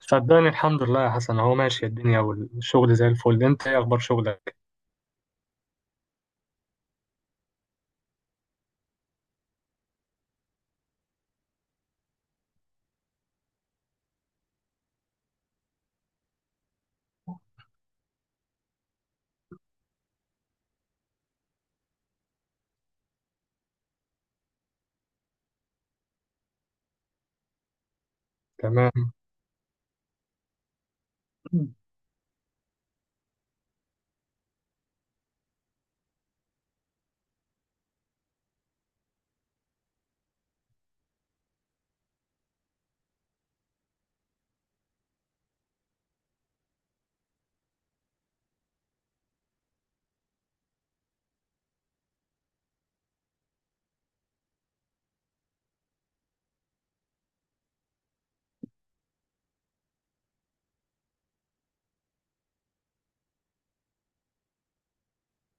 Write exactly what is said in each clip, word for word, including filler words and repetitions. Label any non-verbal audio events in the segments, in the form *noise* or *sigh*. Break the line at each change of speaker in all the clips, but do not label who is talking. صدقني الحمد لله يا حسن، هو ماشي الدنيا والشغل زي الفل. انت ايه اخبار شغلك؟ تمام.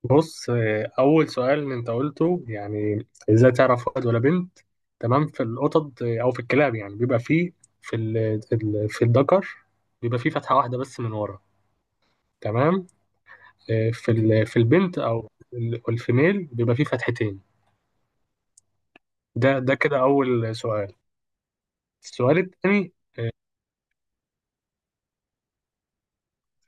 بص اه، اول سؤال انت قلته، يعني ازاي تعرف ولد ولا بنت. تمام. في القطط اه، او في الكلاب، يعني بيبقى فيه في ال ال- في الذكر بيبقى فيه فتحة واحدة بس من ورا. تمام. اه، في ال- في البنت او ال- الفيميل بيبقى فيه فتحتين. ده ده كده اول سؤال. السؤال الثاني،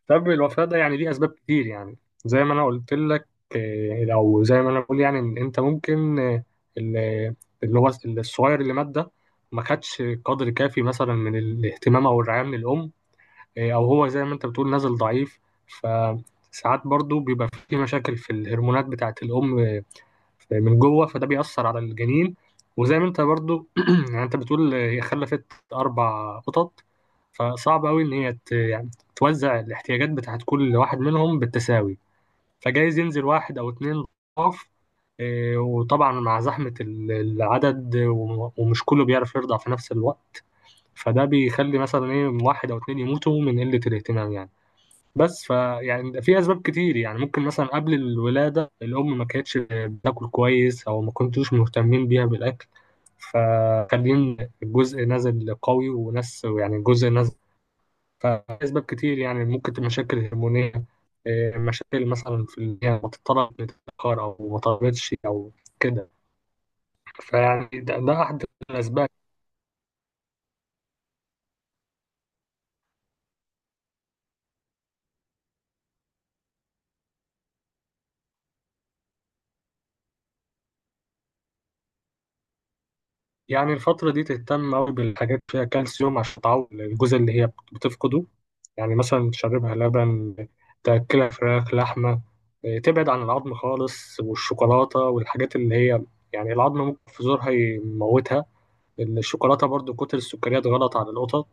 سبب الوفاة ده يعني ليه أسباب كتير يعني. زي ما أنا قلت لك، آه، أو زي ما أنا بقول يعني إن أنت ممكن، آه، ال- اللي هو الصغير اللي مات ده ما خدش قدر كافي مثلا من الاهتمام أو الرعاية من الأم. آه، أو هو زي ما أنت بتقول نازل ضعيف. فساعات برضو بيبقى في مشاكل في الهرمونات بتاعة الأم من جوه، فده بيأثر على الجنين. وزي ما انت برضو *clears throat* يعني انت بتقول هي خلفت اربع قطط. فصعب قوي ان هي ت- يعني توزع الاحتياجات بتاعت كل واحد منهم بالتساوي. فجايز ينزل واحد او اتنين ضعف. اه، وطبعا مع زحمة ال- العدد وم- ومش كله بيعرف يرضع في نفس الوقت. فده بيخلي مثلا ايه واحد او اتنين يموتوا من قلة الاهتمام يعني. بس فيعني في اسباب كتير، يعني ممكن مثلا قبل الولاده الام ما كانتش بتاكل كويس او ما كنتوش مهتمين بيها بالاكل. فخلين الجزء نازل قوي وناس يعني الجزء نازل. فاسباب كتير، يعني ممكن تبقى مشاكل هرمونيه. إيه، مشاكل مثلا في ال- يعني ما تتطلب متاخر او ما طلبتش او كده. فيعني ده, ده احد الاسباب. يعني الفترة دي تهتم أوي بالحاجات فيها كالسيوم عشان تعوض الجزء اللي هي بتفقده. يعني مثلا تشربها لبن، تأكلها فراخ، لحمة. إيه، تبعد عن العظم خالص والشوكولاتة والحاجات اللي هي. يعني العظم ممكن في زورها يموتها. الشوكولاتة برضو كتر السكريات غلط على القطط.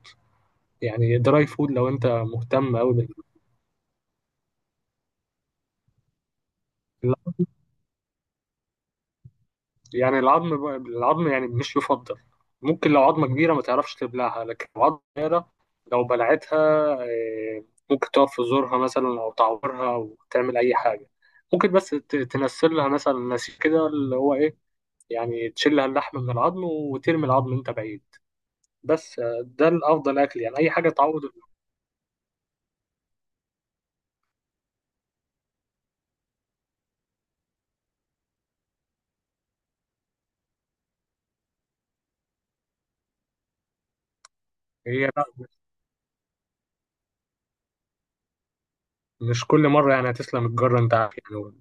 يعني دراي فود لو أنت مهتم أوي بال. يعني العظم العظم يعني مش يفضل. ممكن لو عظمة كبيرة ما تعرفش تبلعها، لكن لو عظمة صغيرة لو بلعتها، آه، ممكن تقف في زورها مثلا أو تعورها أو تعمل أي حاجة. ممكن بس ت- تنسل لها مثلا نسيج كده، اللي هو إيه. يعني تشيل لها اللحم من العظم وترمي العظم أنت بعيد. بس آه، ده الأفضل أكل، يعني أي حاجة تعوض ال- هي لا، مش كل مرة يعني هتسلم الجرة أنت عارف. يعني.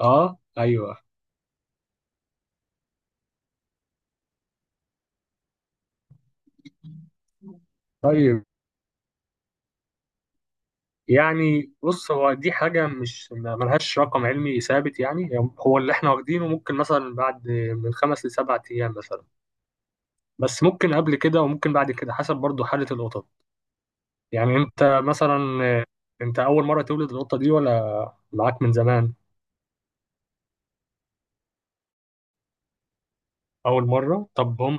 آه أيوه. طيب. يعني، بص هو دي حاجة مش ما- ملهاش رقم علمي ثابت يعني. هو اللي احنا واخدينه ممكن مثلا بعد من خمس لسبعة أيام مثلا. بس ممكن قبل كده، وممكن بعد كده، حسب برضو حالة القطط. يعني انت مثلا، انت أول مرة تولد القطة دي ولا معاك من زمان؟ أول مرة؟ طب هم.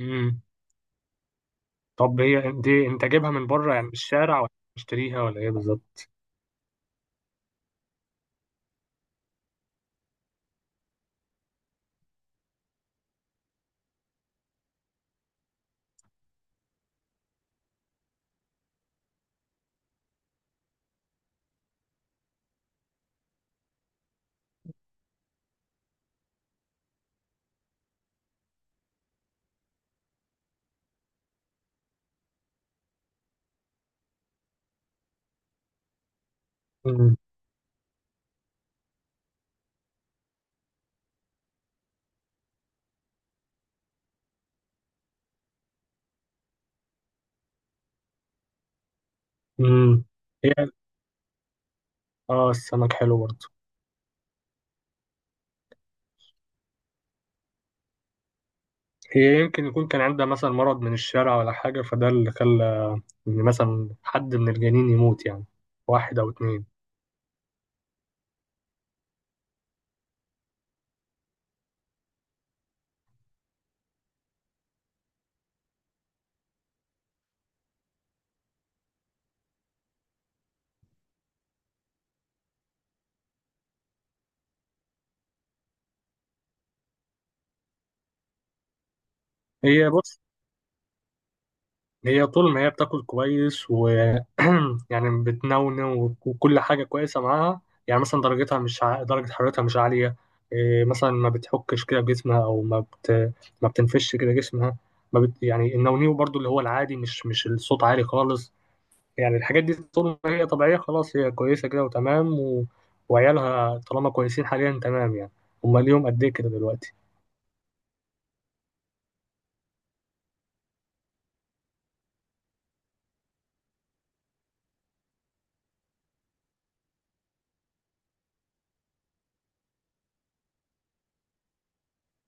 مم. طب هي دي انت جايبها من بره يعني، من الشارع ولا مشتريها ولا ايه بالظبط؟ مم. مم. هي اه السمك حلو برضه. هي يمكن يكون كان عندها مثلا مرض من الشارع ولا حاجة، فده اللي خلى إن مثلا حد من الجنين يموت يعني، واحد أو اتنين. هي بص، هي طول ما هي بتاكل كويس و *clears throat* يعني بتنونو وكل حاجة كويسة معاها. يعني مثلا درجتها مش ع... درجة حرارتها مش عالية. إيه، مثلا ما بتحكش كده جسمها أو ما بت... ما بتنفش كده جسمها. ما بت... يعني النونيو برضو اللي هو العادي، مش مش الصوت عالي خالص. يعني الحاجات دي طول ما هي طبيعية خلاص، هي كويسة كده وتمام و... وعيالها طالما كويسين حاليا تمام يعني. هما ليهم قد إيه كده دلوقتي؟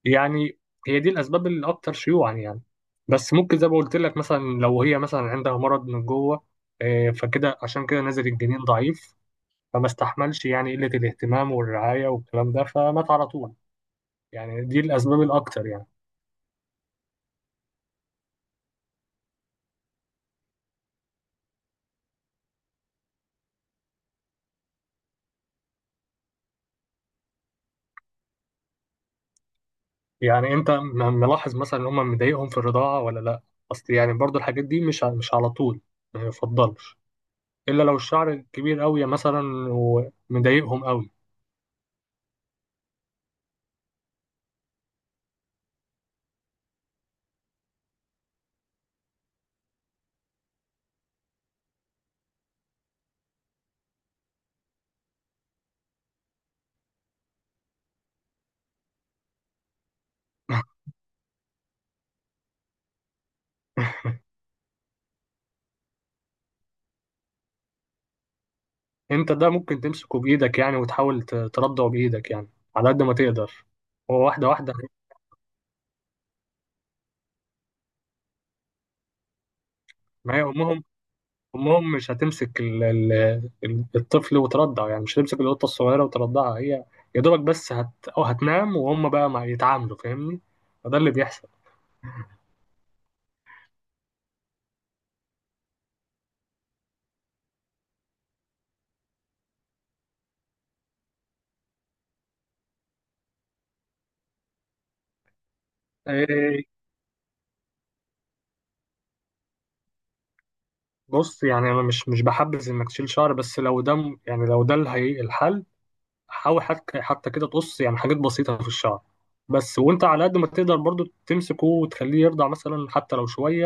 يعني هي دي الأسباب الأكثر شيوعا يعني. بس ممكن زي ما قلت لك، مثلا لو هي مثلا عندها مرض من جوه، آه، فكده عشان كده نزل الجنين ضعيف. فما استحملش يعني قلة الاهتمام والرعاية والكلام ده، فمات على طول. يعني دي الأسباب الأكتر يعني. يعني أنت م- ملاحظ مثلا إن هم مضايقهم في الرضاعة ولا لأ؟ أصل يعني برضو الحاجات دي مش ع- مش على طول ما يفضلش، إلا لو الشعر كبير أوي مثلا ومضايقهم أوي. *laughs* انت ده ممكن تمسكه بايدك يعني، وتحاول ت- تردعه بايدك يعني، على قد ما تقدر. هو واحده واحده. ما هي امهم، امهم مش هتمسك ال ال ال- الطفل وترضعه، يعني مش هتمسك القطه الصغيره وترضعها هي. يا دوبك بس هت او هتنام، وهم بقى ما يتعاملوا، فاهمني. فده اللي بيحصل. ايه، بص يعني انا مش مش بحبذ انك تشيل شعر، بس لو ده م- يعني لو ده الهي- الحل. حاول حتى حتى كده تقص يعني حاجات بسيطة في الشعر. بس وانت على قد ما تقدر برضو تمسكه وتخليه يرضع مثلا حتى لو شوية.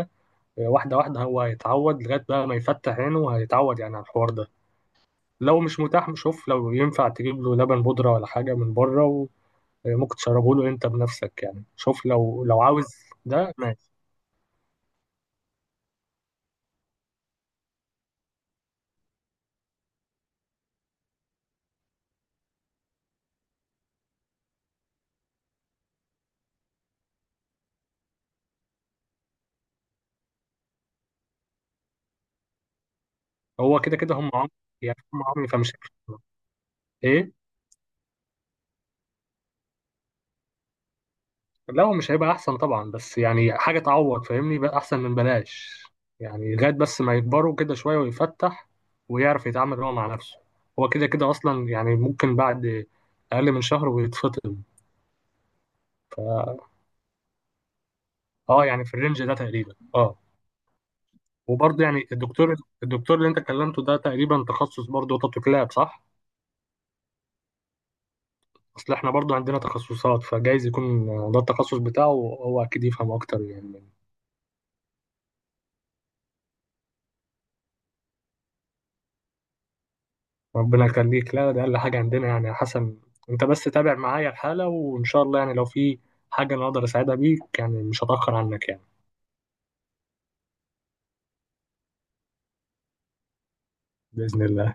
آه، واحدة واحدة هو هيتعود لغاية بقى ما يفتح عينه، وهيتعود يعني على الحوار ده. لو مش متاح شوف لو ينفع تجيب له لبن بودرة ولا حاجة من بره. وممكن تشربه له انت بنفسك يعني، شوف لو لو عاوز. ده ماشي. هو كده كده هم عمي. يعني هم عمي، فمش هيفرق. ايه. لا هو مش هيبقى احسن طبعا، بس يعني حاجه تعوض، فاهمني، بقى احسن من بلاش. يعني لغايه بس ما يكبروا كده شويه ويفتح ويعرف يتعامل هو مع نفسه. هو كده كده اصلا، يعني ممكن بعد اقل من شهر ويتفطم. ف اه يعني في الرينج ده تقريبا، اه وبرضه يعني، الدكتور الدكتور اللي انت كلمته ده تقريبا تخصص برضه قطط وكلاب، صح؟ اصل احنا برضه عندنا تخصصات، فجايز يكون ده التخصص بتاعه، هو اكيد يفهم اكتر يعني. ربنا يخليك. لا ده اقل حاجه عندنا يعني يا حسن. انت بس تابع معايا الحاله، وان شاء الله يعني لو في حاجه انا اقدر اساعدها بيك يعني، مش هتاخر عنك يعني. باذن الله.